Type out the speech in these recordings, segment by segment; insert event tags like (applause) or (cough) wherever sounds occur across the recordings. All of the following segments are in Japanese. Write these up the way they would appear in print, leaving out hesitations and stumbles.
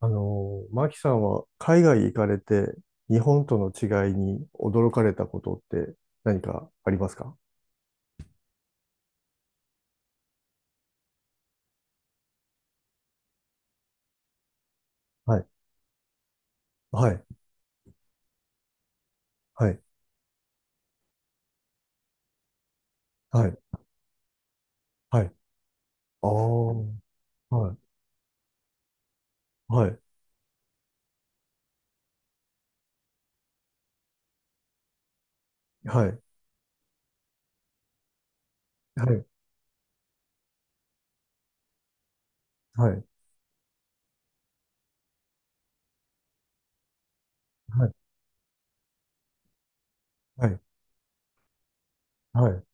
マキさんは海外行かれて日本との違いに驚かれたことって何かありますか？はい。はい。はい。はい。はい。ああ。はい。はい。はい。はい。はい。はい。はい。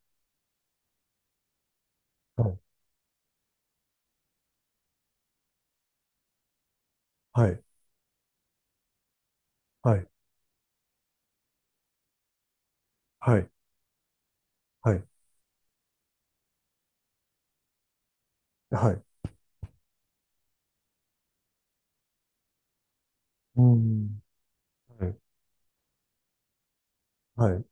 はい。はい。はい。はい。はい。はい。うん。はい。はい。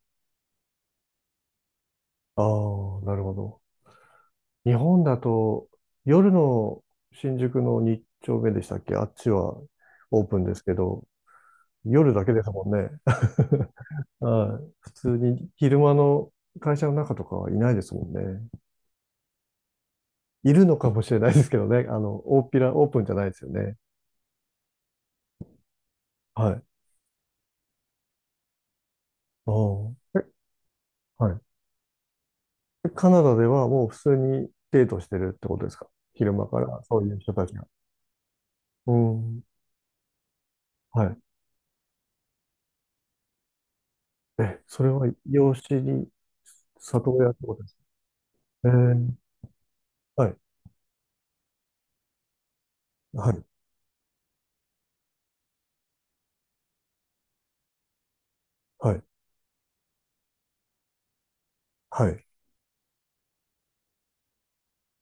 ああ、なるほど。日本だと夜の新宿の日丁目でしたっけ？あっちはオープンですけど、夜だけですもんね。(laughs) はい。普通に昼間の会社の中とかはいないですもんね。いるのかもしれないですけどね。大っぴら、オープンじゃないですよね。はい。おえ、はい。カナダではもう普通にデートしてるってことですか？昼間からそういう人たちが。うん。はい。え、それは養子に里親ってことですか？えー、はい。はい。はい。はい。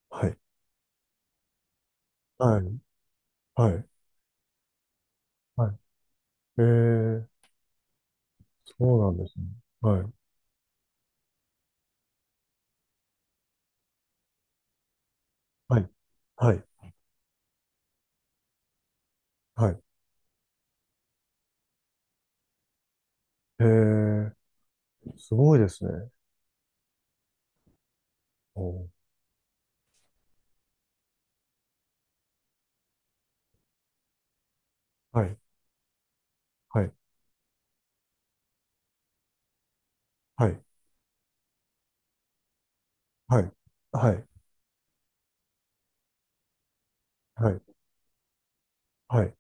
はい。はい。はい。はい。えー、そうなんですね。はい。はい。はい。はい。へえ、すごいですね。おーはい。はい。はい。はい。はい。はい。はい。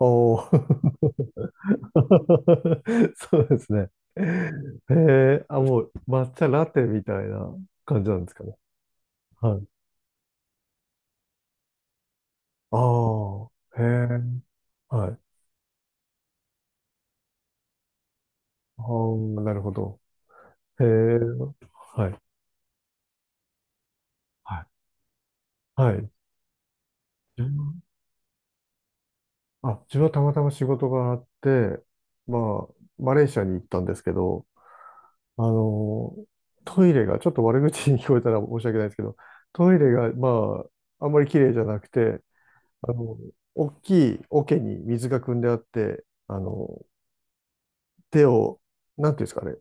おー。 (laughs) そうですね。へえ、あ、もう抹茶ラテみたいな感じなんですかね。はい。ああ、へえ、はい。ああ、なるほど。へえ、はい。はい。はい。自分、あ、自分はたまたま仕事があって、まあ、マレーシアに行ったんですけど、あの、トイレが、ちょっと悪口に聞こえたら申し訳ないですけど、トイレが、まあ、あんまり綺麗じゃなくて、あの、大きい桶に水が汲んであって、手を、なんていうんですかね、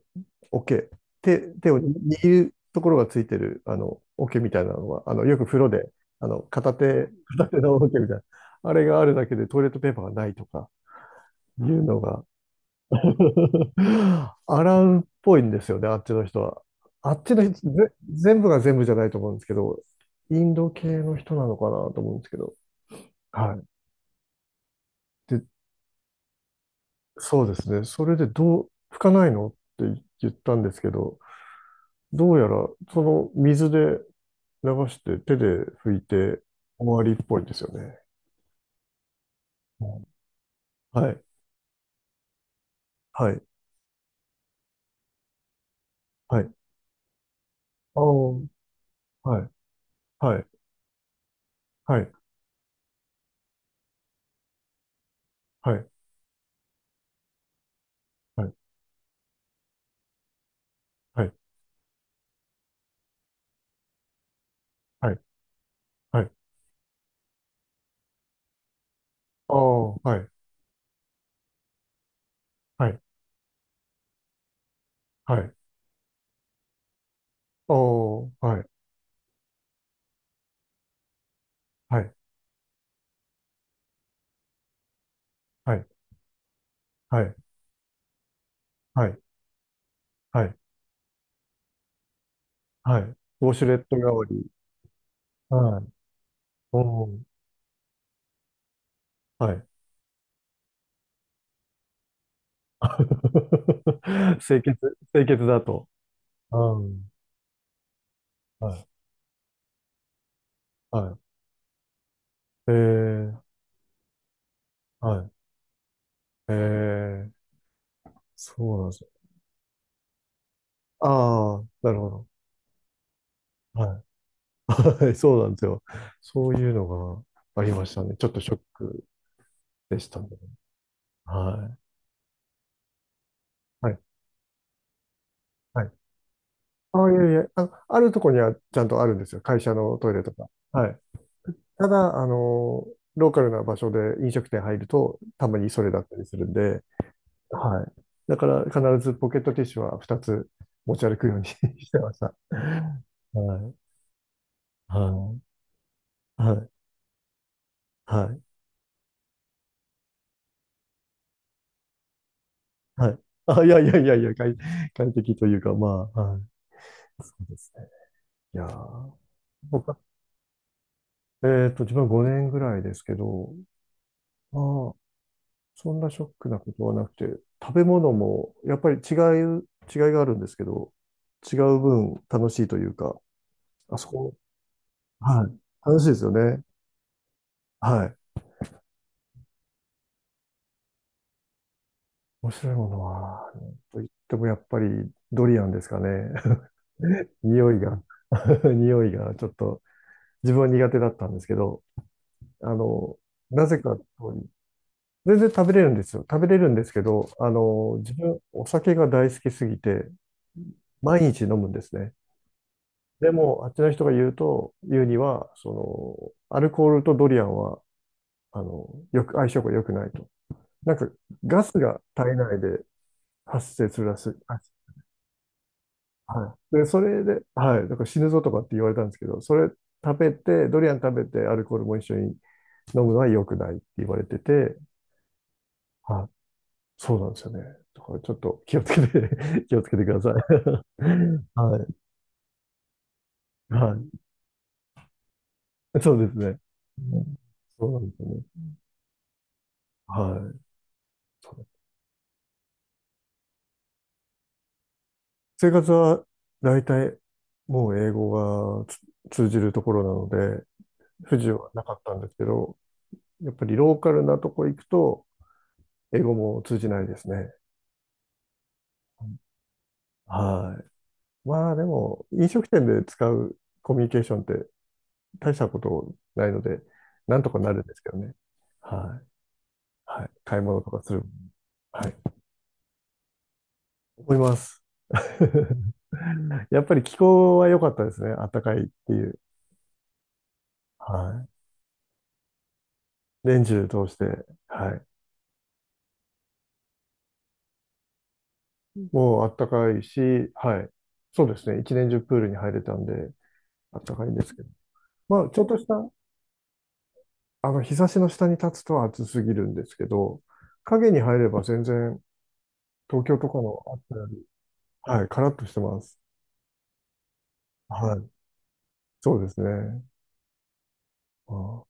桶、手を握るところがついてる、桶みたいなのは、よく風呂で、片手、片手の桶みたいな、あれがあるだけでトイレットペーパーがないとか、いうのが、(laughs) 洗うっぽいんですよね、あっちの人は。あっちの人、全部が全部じゃないと思うんですけど、インド系の人なのかなと思うんですけど。はい。で、そうですね。それでどう、拭かないのって言ったんですけど、どうやらその水で流して手で拭いて終わりっぽいんですよね。うん。はい。はい。はい。ああ、はい。はい。はい。はい。はい。はい。はい。はい。ああ、はい。はい。はい。おー、はい、はい、はい、はい、はい、はい、はい。ウォシュレット代わり。はい。おー、はい。(laughs) 清潔、清潔だと。うん。はい、はい。えー、はい。えー、そうなんですよ。ああ、なるほど。はい。(laughs) はい、そうなんですよ。そういうのがありましたね。ちょっとショックでしたね。はい。はい。はい。ああ、いえいえ、あ、あるとこにはちゃんとあるんですよ。会社のトイレとか。はい。ただ、ローカルな場所で飲食店入ると、たまにそれだったりするんで、はい。だから必ずポケットティッシュは2つ持ち歩くように (laughs) してました。はい。はい。はい。はい。はい。あ、いやいやいやいや、快、快適というか、まあ、はい。そうですね。いやー、僕は、自分は5年ぐらいですけど、まああそんなショックなことはなくて、食べ物もやっぱりう、違いがあるんですけど、違う分楽しいというか、あそこ、はい、楽しいですよね。はい。面白いものは、なんと言ってもやっぱりドリアンですかね。(laughs) 匂いが (laughs) 匂いがちょっと自分は苦手だったんですけど、あの、なぜかと、全然食べれるんですよ。食べれるんですけど、自分お酒が大好きすぎて、毎日飲むんですね。でも、あっちの人が言うには、その、アルコールとドリアンは、よく、相性が良くないと。なんか、ガスが体内で発生するらしい。あはい。で、それで、はい、だから死ぬぞとかって言われたんですけど、それ食べて、ドリアン食べて、アルコールも一緒に飲むのは良くないって言われてて、はい、そうなんですよね。だからちょっと気をつけて (laughs) 気をつけてください。(laughs) はい、はい、そうですね。うん、そうなんですよね。はい。生活は大体もう英語が通じるところなので、不自由はなかったんですけど、やっぱりローカルなとこ行くと、英語も通じないですね。はい。まあでも、飲食店で使うコミュニケーションって大したことないので、なんとかなるんですけどね。はい。はい。買い物とかする。はい。思います。(laughs) やっぱり気候は良かったですね。暖かいっていう。はい。年中通して。はい。もうあったかいし、はい。そうですね。一年中プールに入れたんで、あったかいんですけど。まあ、ちょっとした、日差しの下に立つと暑すぎるんですけど、影に入れば全然、東京とかの暑さより、はい、カラッとしてます。はい。そうですね。ああ、は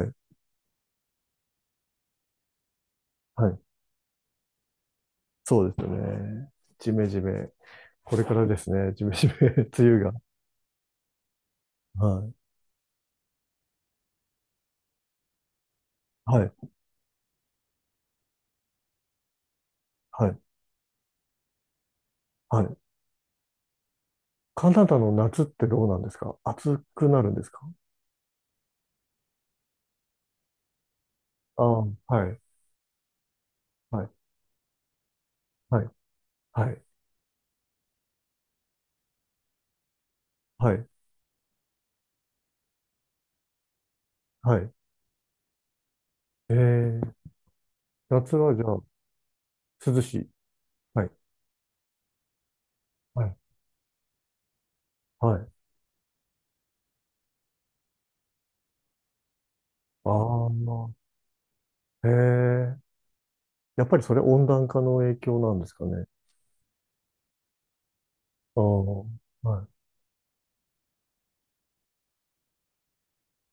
い。はい。そうですね。ジメジメ。これからですね。ジメジメ、(laughs) 梅雨が。はい。はい。はい。はい。カナダの夏ってどうなんですか？暑くなるんですか？ああ、はい。はい。はい。はい。はい。はい。えー、夏はじゃあ、涼しい。はい。はい。はい。ああ、へえー。やっぱりそれ温暖化の影響なんですかね。ああ、は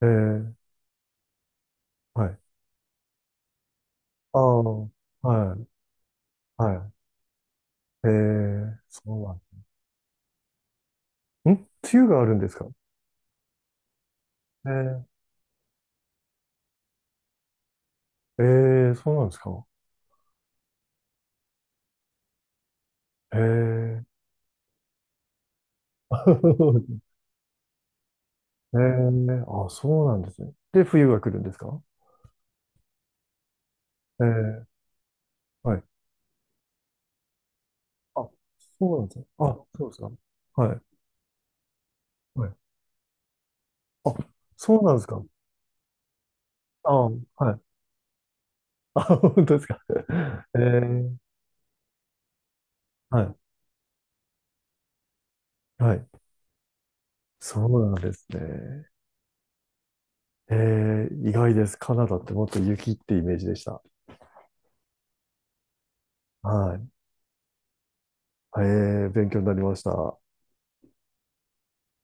い。えー、はい。ああ、はい。はい。えー、そうなん。ん、梅雨があるんですか？えー、えー、そうなんですか？えー、(laughs) えー、あ、そうなんですね。で、冬が来るんですか？えー、はい。あ、そうなんですね。あ、そうですか。はい。はい、あ、そうなんですか。あ、はい。あ、本当ですか。(laughs) えー、はい。はい。そうなんですね。えー、意外です。カナダってもっと雪ってイメージでした。はい。えー、勉強になりました。